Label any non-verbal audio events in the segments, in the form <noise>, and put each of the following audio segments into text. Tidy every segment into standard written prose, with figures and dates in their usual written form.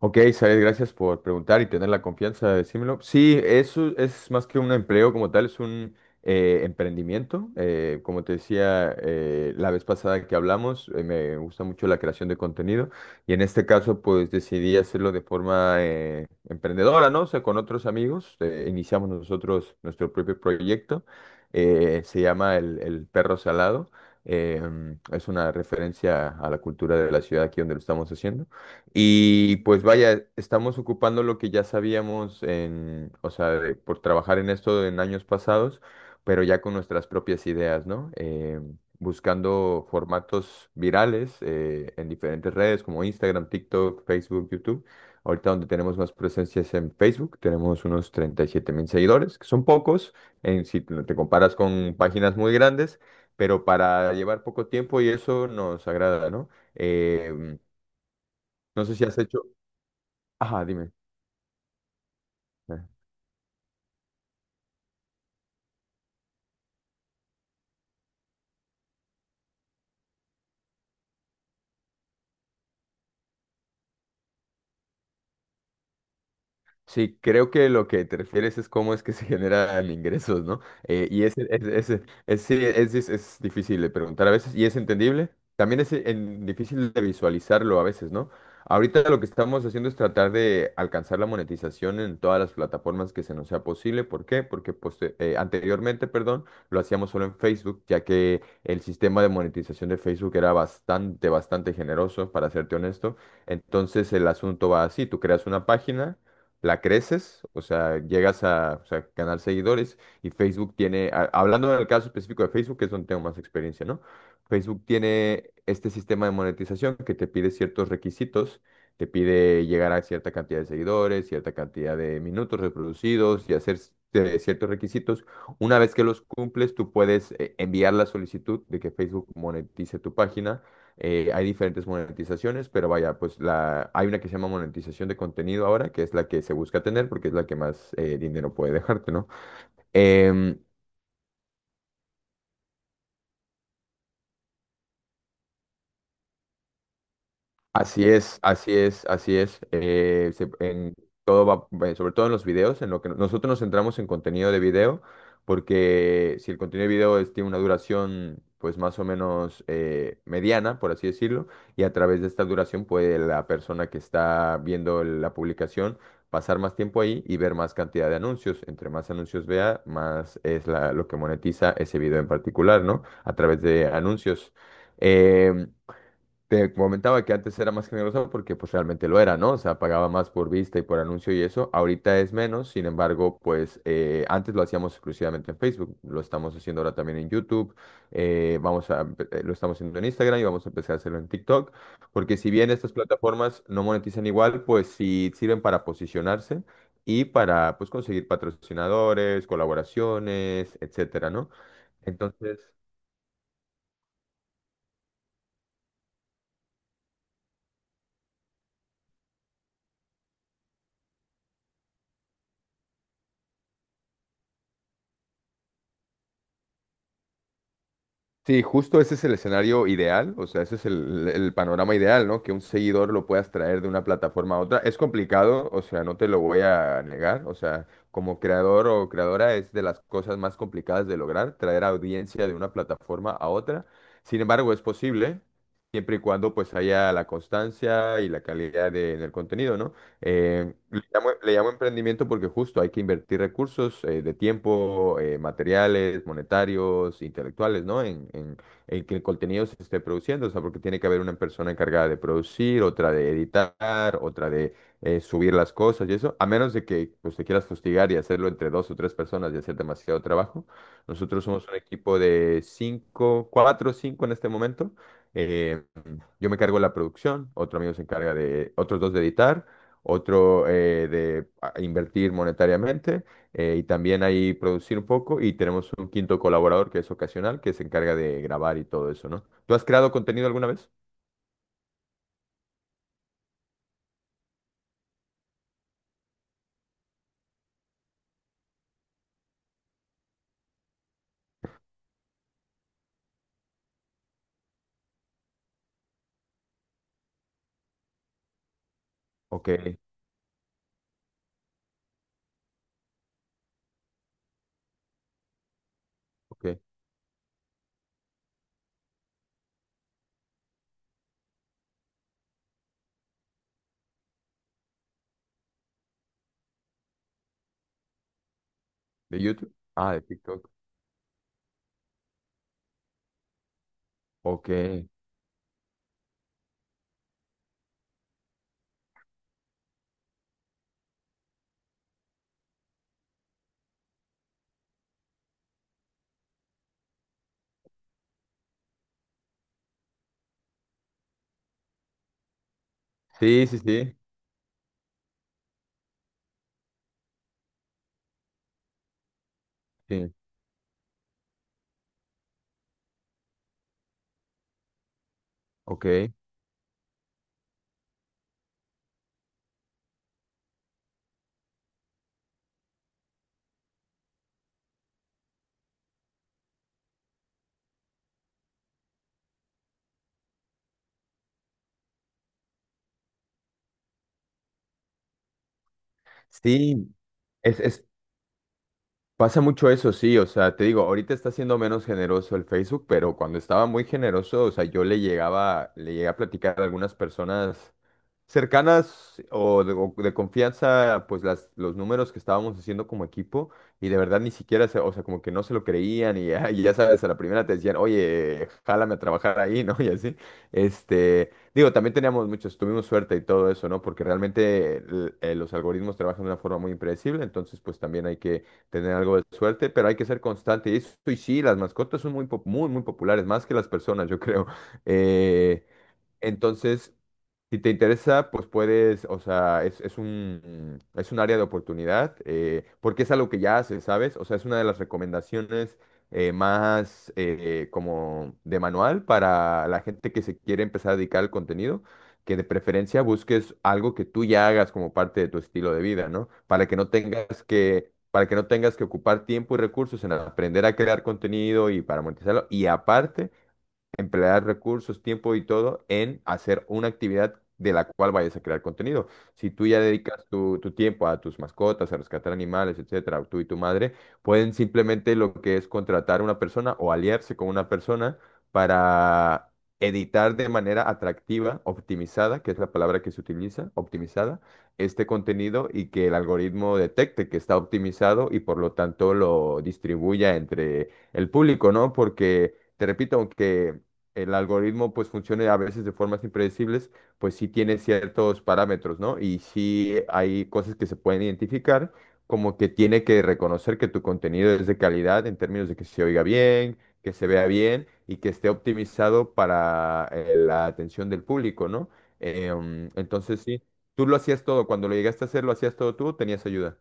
Ok, Said, gracias por preguntar y tener la confianza de decírmelo. Sí, eso es más que un empleo como tal, es un emprendimiento. Como te decía la vez pasada que hablamos, me gusta mucho la creación de contenido y en este caso pues decidí hacerlo de forma emprendedora, ¿no? O sea, con otros amigos, iniciamos nosotros nuestro propio proyecto, se llama El Perro Salado. eh, es una referencia a la cultura de la ciudad aquí donde lo estamos haciendo. Y pues vaya, estamos ocupando lo que ya sabíamos en, o sea, por trabajar en esto en años pasados, pero ya con nuestras propias ideas, ¿no? Buscando formatos virales en diferentes redes como Instagram, TikTok, Facebook, YouTube. Ahorita donde tenemos más presencias en Facebook, tenemos unos 37.000 seguidores, que son pocos en, si te comparas con páginas muy grandes, pero para llevar poco tiempo y eso nos agrada, ¿no? Eh, no sé si has hecho... Ajá, dime. Eh. Sí, creo que lo que te refieres es cómo es que se <laughs> generan ingresos, ¿no? Es- sí, es difícil de preguntar a veces y es entendible. También es difícil de visualizarlo a veces, ¿no? Ahorita lo que estamos haciendo es tratar de alcanzar la monetización en todas las plataformas que se nos sea posible. ¿Por qué? Porque anteriormente, perdón, lo hacíamos solo en Facebook, ya que el sistema de monetización de Facebook era bastante, bastante generoso, para serte honesto. Entonces el asunto va así, tú creas una página la creces, o sea, llegas a, o sea, ganar seguidores y Facebook tiene, hablando en el caso específico de Facebook, que es donde tengo más experiencia, ¿no? Facebook tiene este sistema de monetización que te pide ciertos requisitos, te pide llegar a cierta cantidad de seguidores, cierta cantidad de minutos reproducidos y hacer ciertos requisitos. Una vez que los cumples, tú puedes enviar la solicitud de que Facebook monetice tu página. Hay diferentes monetizaciones, pero vaya, pues la, hay una que se llama monetización de contenido ahora, que es la que se busca tener porque es la que más dinero puede dejarte, ¿no? Em, Así es, así es, así es. En sobre todo en los videos, en lo que nosotros nos centramos en contenido de video, porque si el contenido de video tiene una duración, pues más o menos mediana, por así decirlo, y a través de esta duración puede la persona que está viendo la publicación pasar más tiempo ahí y ver más cantidad de anuncios. Entre más anuncios vea, más es lo que monetiza ese video en particular, ¿no? A través de anuncios. Em, Te comentaba que antes era más generosa porque pues realmente lo era, ¿no? O sea, pagaba más por vista y por anuncio y eso. Ahorita es menos, sin embargo, pues antes lo hacíamos exclusivamente en Facebook, lo estamos haciendo ahora también en YouTube, lo estamos haciendo en Instagram y vamos a empezar a hacerlo en TikTok, porque si bien estas plataformas no monetizan igual, pues sí sirven para posicionarse y para pues conseguir patrocinadores, colaboraciones, etcétera, ¿no? Entonces... Sí, justo ese es el escenario ideal, o sea, ese es el panorama ideal, ¿no? Que un seguidor lo puedas traer de una plataforma a otra. Es complicado, o sea, no te lo voy a negar, o sea, como creador o creadora es de las cosas más complicadas de lograr, traer audiencia de una plataforma a otra. Sin embargo, es posible, siempre y cuando pues haya la constancia y la calidad en el contenido, ¿no? Le llamo, le llamo emprendimiento porque justo hay que invertir recursos de tiempo, materiales, monetarios, intelectuales, ¿no? En que el contenido se esté produciendo, o sea, porque tiene que haber una persona encargada de producir, otra de editar, otra de subir las cosas y eso, a menos de que pues, te quieras fustigar y hacerlo entre dos o tres personas y hacer demasiado trabajo. Nosotros somos un equipo de cinco, cuatro o cinco en este momento. Eh, yo me encargo de la producción, otro amigo se encarga de, otros dos de editar, otro invertir monetariamente y también ahí producir un poco y tenemos un quinto colaborador que es ocasional que se encarga de grabar y todo eso, ¿no? ¿Tú has creado contenido alguna vez? Ok, ok. ¿De YouTube? Ah, de TikTok. Ok. Sí, sí, sí. Sí, ok. Sí, es Pasa mucho eso, sí, o sea, te digo, ahorita está siendo menos generoso el Facebook, pero cuando estaba muy generoso, o sea, yo le llegaba, le llegué a platicar a algunas personas cercanas o de confianza, pues las, los números que estábamos haciendo como equipo, y de verdad ni siquiera, se, o sea, como que no se lo creían, y, y ya sabes, a la primera te decían, oye, jálame a trabajar ahí, ¿no? <laughs> Y así, este, digo, también teníamos muchos, tuvimos suerte y todo eso, ¿no? Porque realmente los algoritmos trabajan de una forma muy impredecible, entonces, pues también hay que tener algo de suerte, pero hay que ser constante. Y eso, y sí, las mascotas son muy, muy, muy populares, más que las personas, yo creo. Eh, entonces, si te interesa, pues puedes, o sea, es un área de oportunidad, porque es algo que ya haces, ¿sabes? O sea, es una de las recomendaciones más como de manual para la gente que se quiere empezar a dedicar al contenido, que de preferencia busques algo que tú ya hagas como parte de tu estilo de vida, ¿no? Para que no tengas que, para que no tengas que ocupar tiempo y recursos en aprender a crear contenido y para monetizarlo. Y aparte emplear recursos, tiempo y todo en hacer una actividad de la cual vayas a crear contenido. Si tú ya dedicas tu tiempo a tus mascotas, a rescatar animales, etcétera, tú y tu madre, pueden simplemente lo que es contratar a una persona o aliarse con una persona para editar de manera atractiva, optimizada, que es la palabra que se utiliza, optimizada, este contenido y que el algoritmo detecte que está optimizado y por lo tanto lo distribuya entre el público, ¿no? Porque, te repito, aunque el algoritmo pues funcione a veces de formas impredecibles, pues sí tiene ciertos parámetros, ¿no? Y sí hay cosas que se pueden identificar, como que tiene que reconocer que tu contenido es de calidad en términos de que se oiga bien, que se vea bien y que esté optimizado para la atención del público, ¿no? Entonces sí, tú lo hacías todo, cuando lo llegaste a hacer, lo hacías todo tú, tenías ayuda.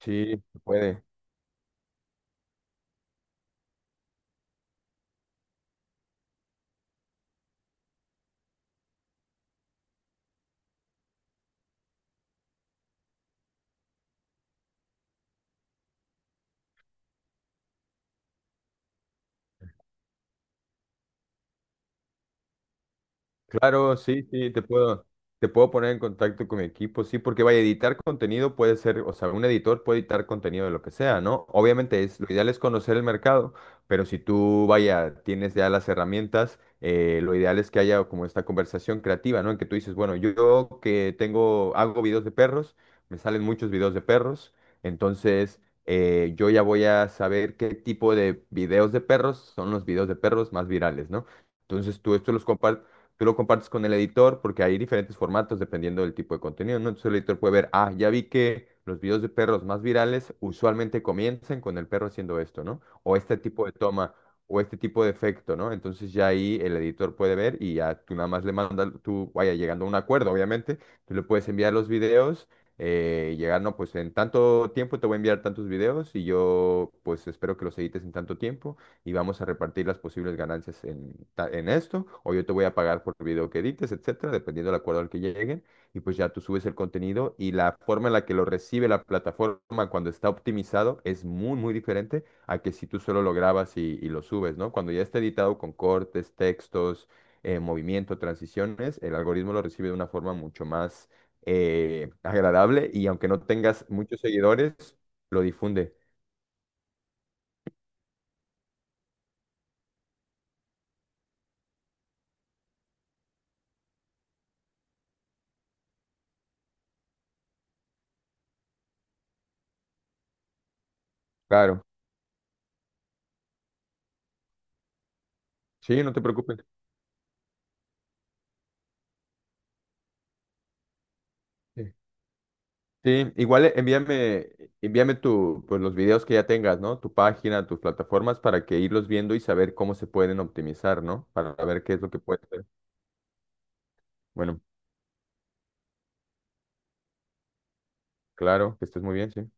Sí, se puede. Claro, sí, sí, te puedo poner en contacto con mi equipo, sí, porque vaya, editar contenido puede ser, o sea, un editor puede editar contenido de lo que sea, ¿no? Obviamente es, lo ideal es conocer el mercado, pero si tú, vaya, tienes ya las herramientas, lo ideal es que haya como esta conversación creativa, ¿no? En que tú dices, bueno, yo que tengo, hago videos de perros, me salen muchos videos de perros, entonces yo ya voy a saber qué tipo de videos de perros son los videos de perros más virales, ¿no? Entonces tú esto los compartes Tú lo compartes con el editor porque hay diferentes formatos dependiendo del tipo de contenido, ¿no? Entonces el editor puede ver, ah, ya vi que los videos de perros más virales usualmente comienzan con el perro haciendo esto, ¿no? O este tipo de toma, o este tipo de efecto, ¿no? Entonces ya ahí el editor puede ver y ya tú nada más le mandas, tú, vaya, llegando a un acuerdo, obviamente, tú le puedes enviar los videos llegar, no, pues en tanto tiempo te voy a enviar tantos videos y yo pues espero que los edites en tanto tiempo y vamos a repartir las posibles ganancias en, en esto, o yo te voy a pagar por el video que edites, etcétera, dependiendo del acuerdo al que lleguen, y pues ya tú subes el contenido y la forma en la que lo recibe la plataforma cuando está optimizado es muy, muy diferente a que si tú solo lo grabas y lo subes, ¿no? Cuando ya está editado con cortes, textos, movimiento, transiciones, el algoritmo lo recibe de una forma mucho más agradable y aunque no tengas muchos seguidores, lo difunde. Claro. Sí, no te preocupes. Sí. Sí, igual envíame tu, pues los videos que ya tengas, ¿no? Tu página, tus plataformas para que irlos viendo y saber cómo se pueden optimizar, ¿no? Para ver qué es lo que puede ser. Bueno, claro, que estés muy bien, sí.